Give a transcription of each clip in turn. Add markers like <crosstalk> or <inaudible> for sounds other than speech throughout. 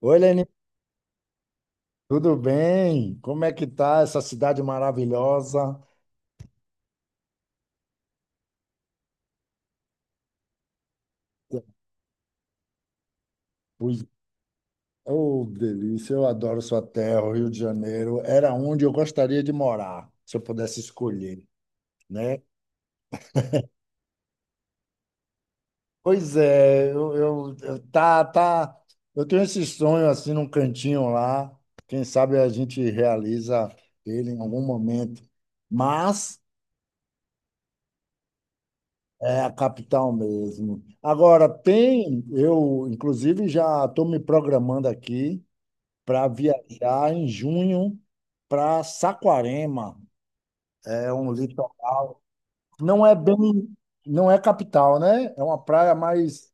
Oi, Leni, tudo bem? Como é que tá essa cidade maravilhosa? Pois- Oh, delícia, eu adoro sua terra, o Rio de Janeiro. Era onde eu gostaria de morar, se eu pudesse escolher, né? Pois é, tá, tá, eu tenho esse sonho assim num cantinho lá. Quem sabe a gente realiza ele em algum momento. Mas é a capital mesmo. Agora tem, eu inclusive já estou me programando aqui para viajar em junho para Saquarema. É um litoral. Não é bem, não é capital, né? É uma praia mais.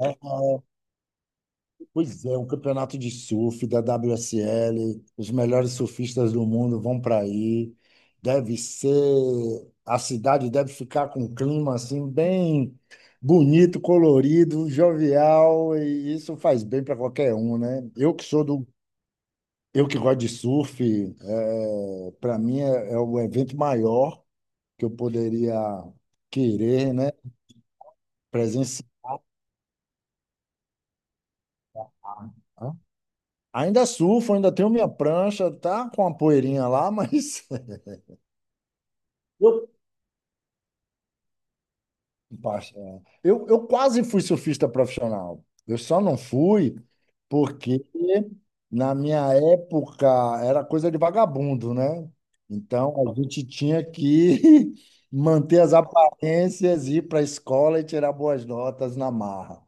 É, pois é, um campeonato de surf da WSL. Os melhores surfistas do mundo vão para aí. Deve ser. A cidade deve ficar com um clima assim, bem bonito, colorido, jovial, e isso faz bem para qualquer um, né? Eu que gosto de surf, é, para mim é o evento maior que eu poderia querer, né? Presenciar. Ainda surfo, ainda tenho minha prancha, tá com a poeirinha lá, mas <laughs> eu Basta, é. Eu quase fui surfista profissional. Eu só não fui porque na minha época era coisa de vagabundo, né? Então a gente tinha que <laughs> manter as aparências, ir para a escola e tirar boas notas na marra.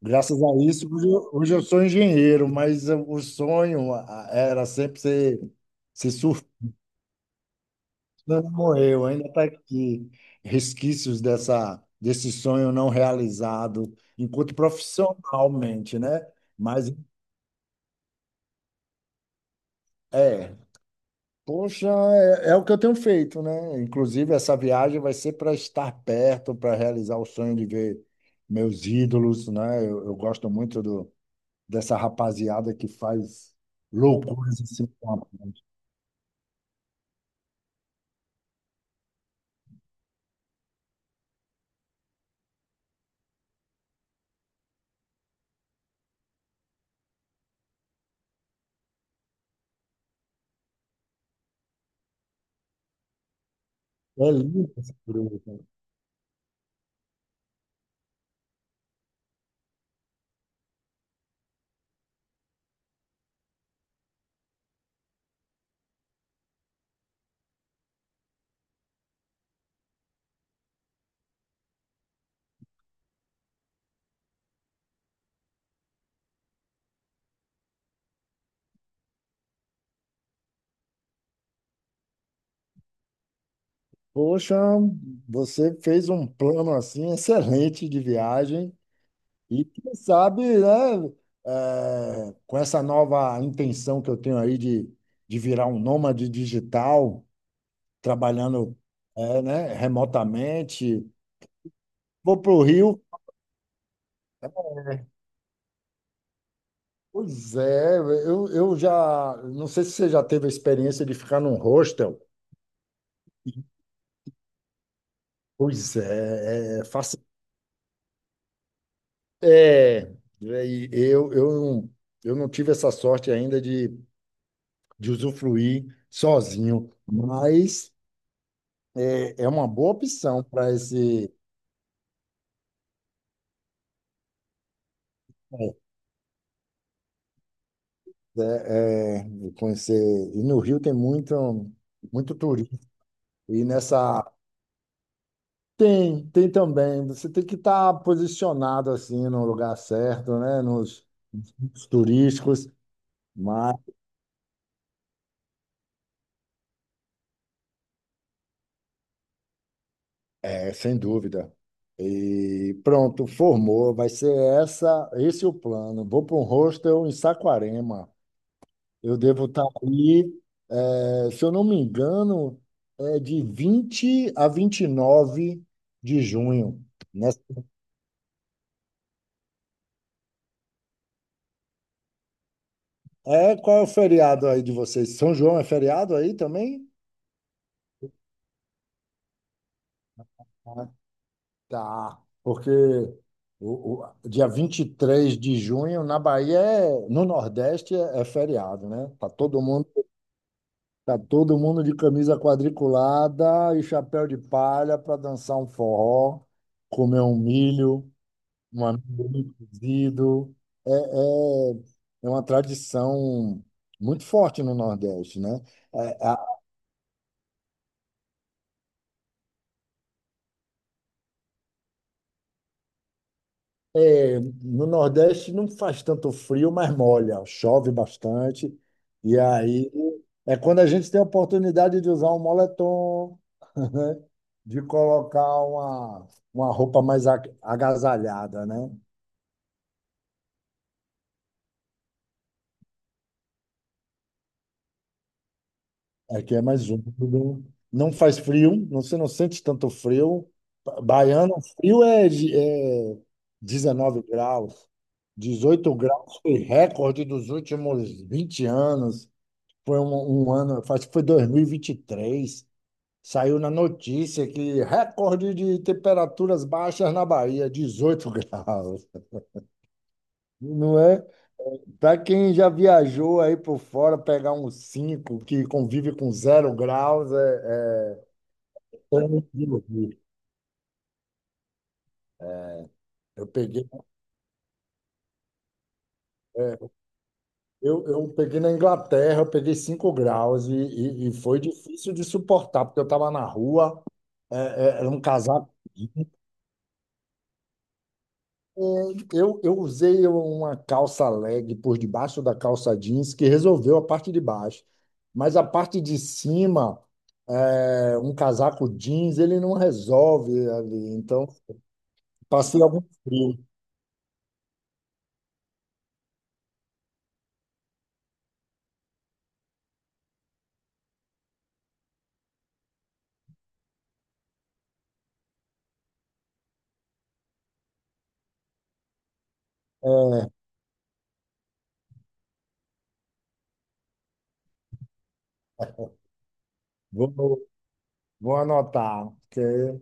Graças a isso, hoje eu sou engenheiro, o sonho era sempre ser, ser não morreu, ainda está aqui. Resquícios desse sonho não realizado, enquanto profissionalmente, né? Mas é, poxa, é o que eu tenho feito, né? Inclusive, essa viagem vai ser para estar perto, para realizar o sonho de ver meus ídolos, né? Eu gosto muito dessa rapaziada que faz loucuras assim. É lindo esse grupo. Poxa, você fez um plano assim excelente de viagem. E quem sabe, né, é, com essa nova intenção que eu tenho aí de virar um nômade digital, trabalhando, né, remotamente, vou para o Rio. Pois é, eu já. Não sei se você já teve a experiência de ficar num hostel. Pois é, faça, é, e eu não tive essa sorte ainda de usufruir sozinho, mas é uma boa opção para esse. Eu conhecer. E no Rio tem muito, muito turismo. E nessa. Tem também. Você tem que estar posicionado assim no lugar certo, né? Nos turísticos, mas é, sem dúvida. E pronto, formou. Vai ser essa, esse é o plano. Vou para um hostel em Saquarema. Eu devo estar ali, se eu não me engano, é de 20 a 29 de junho. Né? É, qual é o feriado aí de vocês? São João é feriado aí também? Ah, tá. Porque o dia 23 de junho na Bahia, no Nordeste, é feriado, né? Tá todo mundo de camisa quadriculada e chapéu de palha para dançar um forró, comer um milho, um amendoim cozido. É, é, é uma tradição muito forte no Nordeste, né? É, É, no Nordeste não faz tanto frio, mas molha, chove bastante. E aí é quando a gente tem a oportunidade de usar um moletom, né? De colocar uma roupa mais agasalhada, né? Aqui é mais úmido. Não faz frio, não, você não sente tanto frio. Baiano, frio é 19 graus, 18 graus foi recorde dos últimos 20 anos. Foi um ano, acho que foi 2023, saiu na notícia que recorde de temperaturas baixas na Bahia, 18 <laughs> graus. Não é? Para quem já viajou aí por fora, pegar uns 5 que convive com 0 graus, Eu não vi. Eu peguei, é, eu peguei na Inglaterra, eu peguei 5 graus e foi difícil de suportar, porque eu estava na rua, era um casaco. É, Eu usei uma calça leg por debaixo da calça jeans que resolveu a parte de baixo, mas a parte de cima, um casaco jeans, ele não resolve ali. Então, passei algum frio. É, vou, vou anotar, porque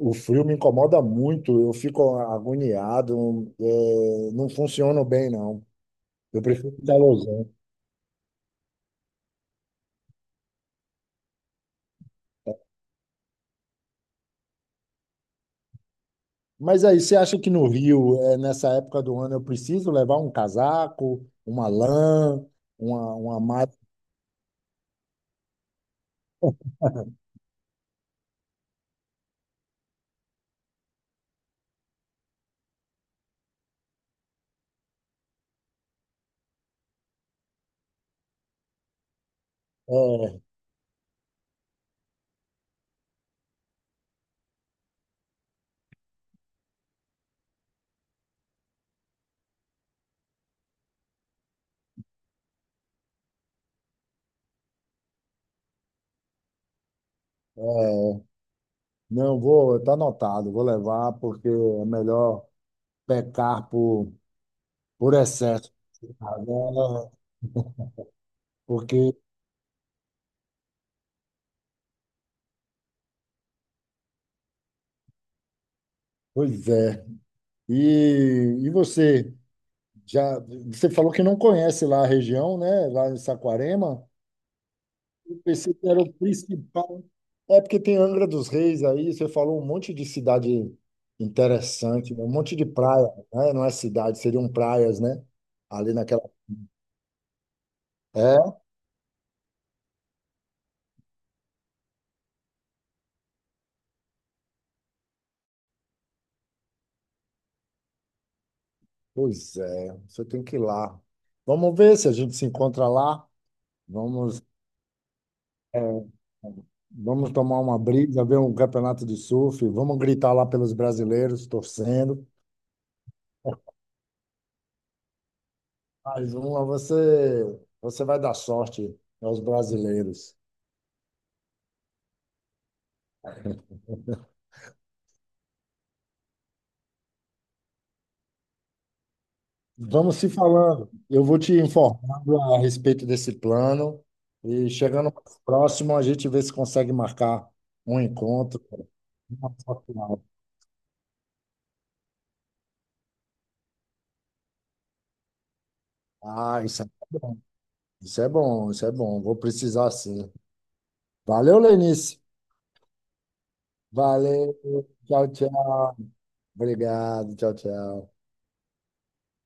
o frio me incomoda muito, eu fico agoniado, não funciono bem, não. Eu prefiro calor. Mas aí, você acha que no Rio, nessa época do ano, eu preciso levar um casaco, uma lã, uma malha? É, é. Não, tá anotado, vou levar, porque é melhor pecar por excesso. Agora, porque, pois é. E você, já, você falou que não conhece lá a região, né? Lá em Saquarema. Pensei que era o principal. É porque tem Angra dos Reis aí, você falou um monte de cidade interessante, né? Um monte de praia, né? Não é cidade, seriam praias, né? Ali naquela. É? Pois é, você tem que ir lá. Vamos ver se a gente se encontra lá. Vamos, é, vamos tomar uma brisa, ver um campeonato de surf, vamos gritar lá pelos brasileiros, torcendo. Mas vamos você vai dar sorte aos brasileiros. Vamos se falando. Eu vou te informando a respeito desse plano e chegando mais próximo, a gente vê se consegue marcar um encontro. Uma foto lá. Ah, isso é bom, isso é bom, isso é bom. Vou precisar sim. Valeu, Lenice. Valeu, tchau, tchau. Obrigado, tchau, tchau.